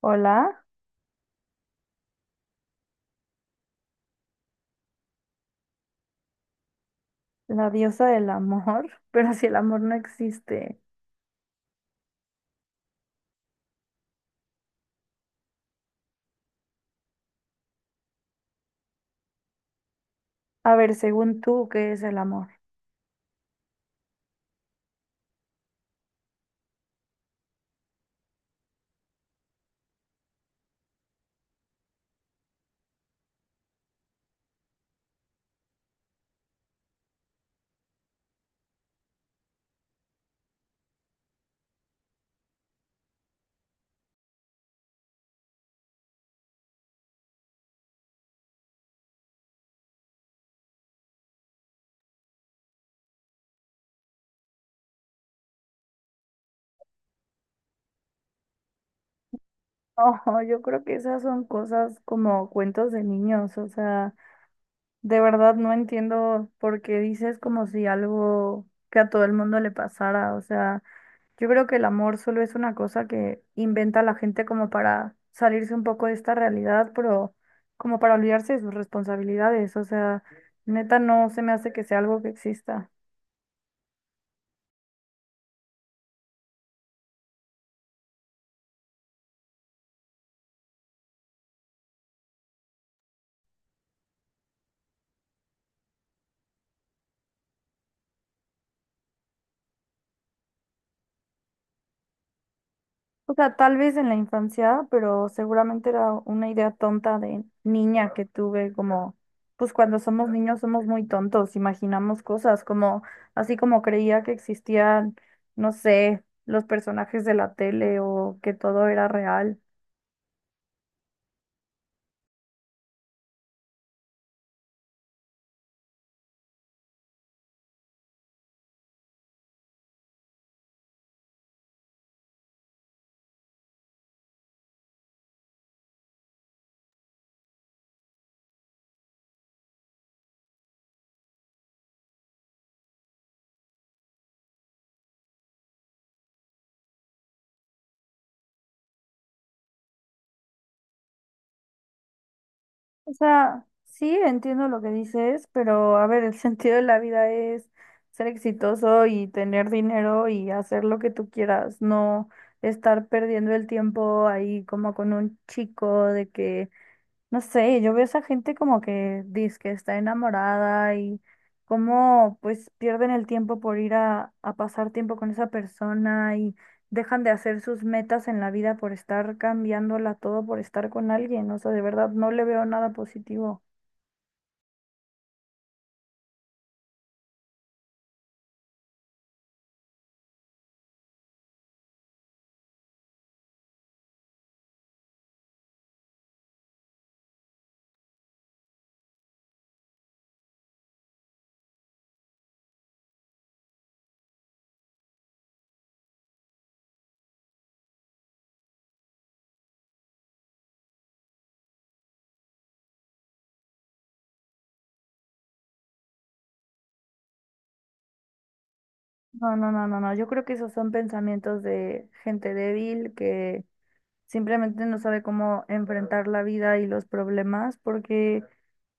Hola, la diosa del amor, pero si el amor no existe. A ver, según tú, ¿qué es el amor? Oh, yo creo que esas son cosas como cuentos de niños, o sea, de verdad no entiendo por qué dices como si algo que a todo el mundo le pasara, o sea, yo creo que el amor solo es una cosa que inventa la gente como para salirse un poco de esta realidad, pero como para olvidarse de sus responsabilidades, o sea, neta no se me hace que sea algo que exista. O sea, tal vez en la infancia, pero seguramente era una idea tonta de niña que tuve, como, pues cuando somos niños somos muy tontos, imaginamos cosas, como, así como creía que existían, no sé, los personajes de la tele o que todo era real. O sea, sí entiendo lo que dices, pero a ver, el sentido de la vida es ser exitoso y tener dinero y hacer lo que tú quieras, no estar perdiendo el tiempo ahí como con un chico de que no sé, yo veo esa gente como que dice que está enamorada y cómo pues pierden el tiempo por ir a pasar tiempo con esa persona y dejan de hacer sus metas en la vida por estar cambiándola todo por estar con alguien. O sea, de verdad no le veo nada positivo. No, no, no, no, no, yo creo que esos son pensamientos de gente débil que simplemente no sabe cómo enfrentar la vida y los problemas porque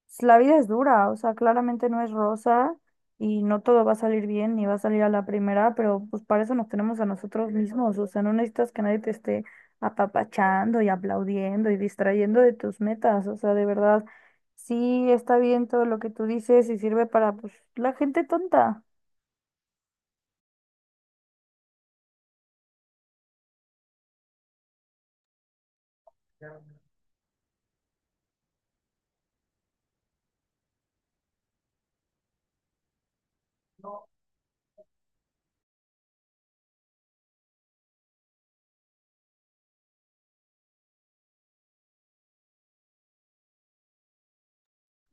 pues, la vida es dura, o sea, claramente no es rosa y no todo va a salir bien ni va a salir a la primera, pero pues para eso nos tenemos a nosotros mismos, o sea, no necesitas que nadie te esté apapachando y aplaudiendo y distrayendo de tus metas, o sea, de verdad, sí está bien todo lo que tú dices y sirve para pues la gente tonta.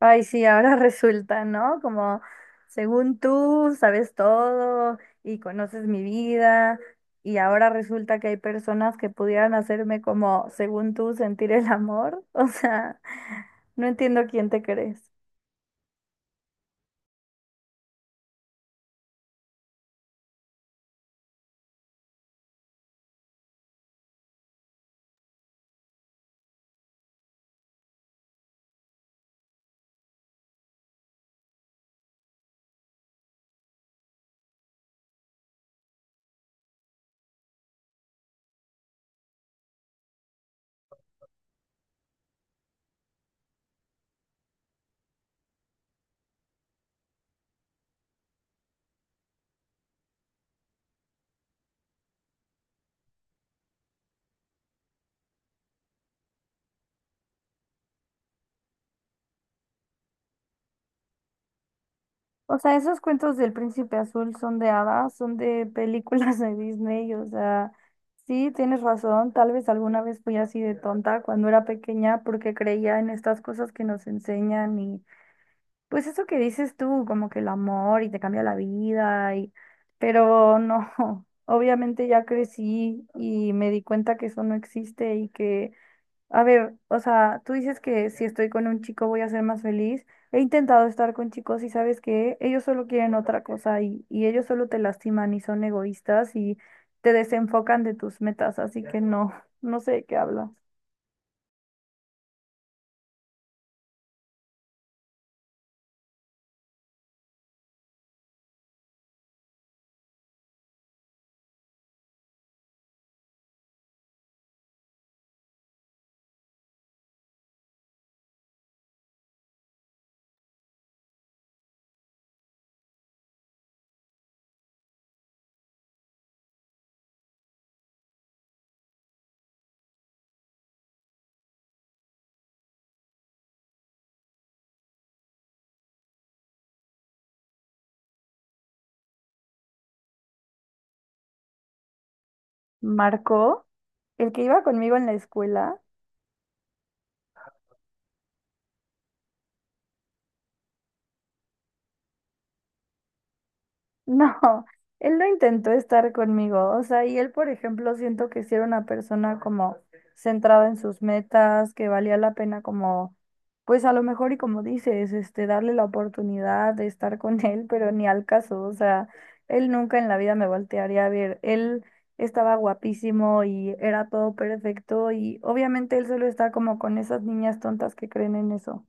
Ay, sí, ahora resulta, ¿no? Como según tú sabes todo y conoces mi vida, y ahora resulta que hay personas que pudieran hacerme como, según tú, sentir el amor. O sea, no entiendo quién te crees. O sea, esos cuentos del Príncipe Azul son de hadas, son de películas de Disney. O sea, sí, tienes razón. Tal vez alguna vez fui así de tonta cuando era pequeña porque creía en estas cosas que nos enseñan. Pues eso que dices tú, como que el amor y te cambia la vida, y pero no, obviamente ya crecí y me di cuenta que eso no existe y que, a ver, o sea, tú dices que si estoy con un chico voy a ser más feliz. He intentado estar con chicos y sabes que ellos solo quieren otra cosa y ellos solo te lastiman y son egoístas y te desenfocan de tus metas, así que no, no sé de qué hablas. Marco, el que iba conmigo en la escuela. No, él no intentó estar conmigo, o sea, y él, por ejemplo, siento que sí era una persona como centrada en sus metas, que valía la pena, como, pues a lo mejor y como dices, darle la oportunidad de estar con él, pero ni al caso, o sea, él nunca en la vida me voltearía a ver, él estaba guapísimo y era todo perfecto y obviamente él solo está como con esas niñas tontas que creen en eso.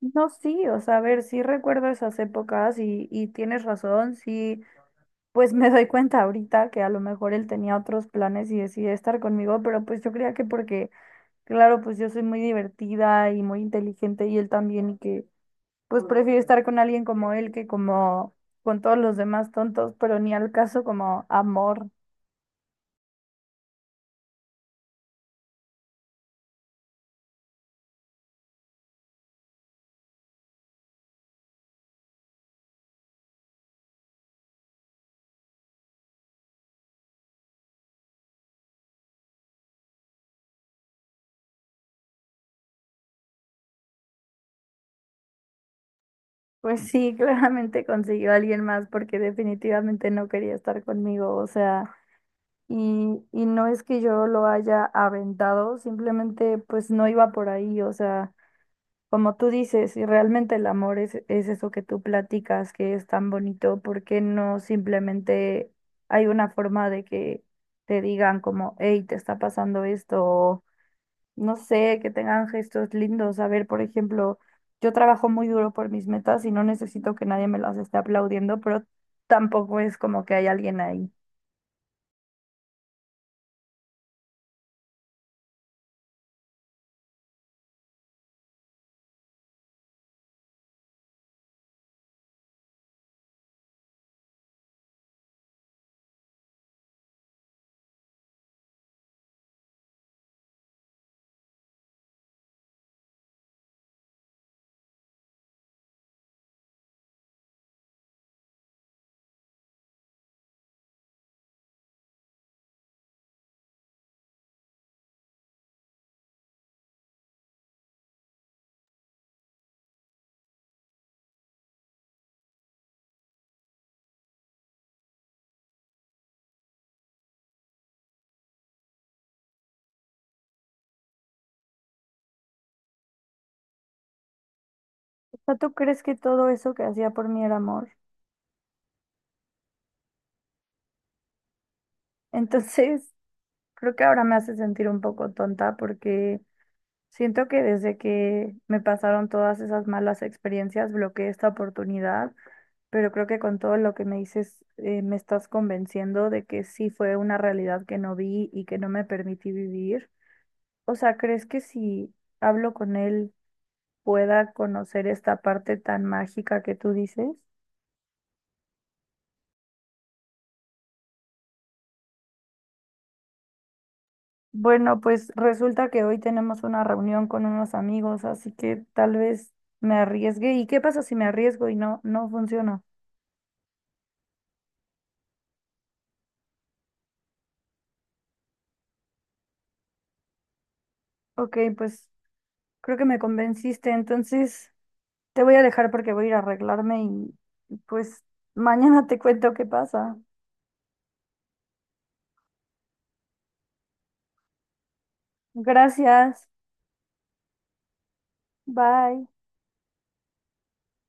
No, sí, o sea, a ver, sí recuerdo esas épocas y tienes razón, sí. Pues me doy cuenta ahorita que a lo mejor él tenía otros planes y decidió estar conmigo, pero pues yo creía que porque, claro, pues yo soy muy divertida y muy inteligente y él también, y que pues prefiero estar con alguien como él que como con todos los demás tontos, pero ni al caso como amor. Pues sí, claramente consiguió a alguien más porque definitivamente no quería estar conmigo, o sea, y no es que yo lo haya aventado, simplemente pues no iba por ahí, o sea. Como tú dices, si realmente el amor es eso que tú platicas, que es tan bonito, ¿por qué no simplemente hay una forma de que te digan como, hey, te está pasando esto, o no sé, que tengan gestos lindos? A ver, por ejemplo, yo trabajo muy duro por mis metas y no necesito que nadie me las esté aplaudiendo, pero tampoco es como que hay alguien ahí. O sea, ¿tú crees que todo eso que hacía por mí era amor? Entonces, creo que ahora me hace sentir un poco tonta porque siento que desde que me pasaron todas esas malas experiencias, bloqueé esta oportunidad, pero creo que con todo lo que me dices, me estás convenciendo de que sí fue una realidad que no vi y que no me permití vivir. O sea, ¿crees que si hablo con él pueda conocer esta parte tan mágica que tú dices? Bueno, pues resulta que hoy tenemos una reunión con unos amigos, así que tal vez me arriesgue. ¿Y qué pasa si me arriesgo y no, no funciona? Ok, pues creo que me convenciste, entonces te voy a dejar porque voy a ir a arreglarme y pues mañana te cuento qué pasa. Gracias, bye.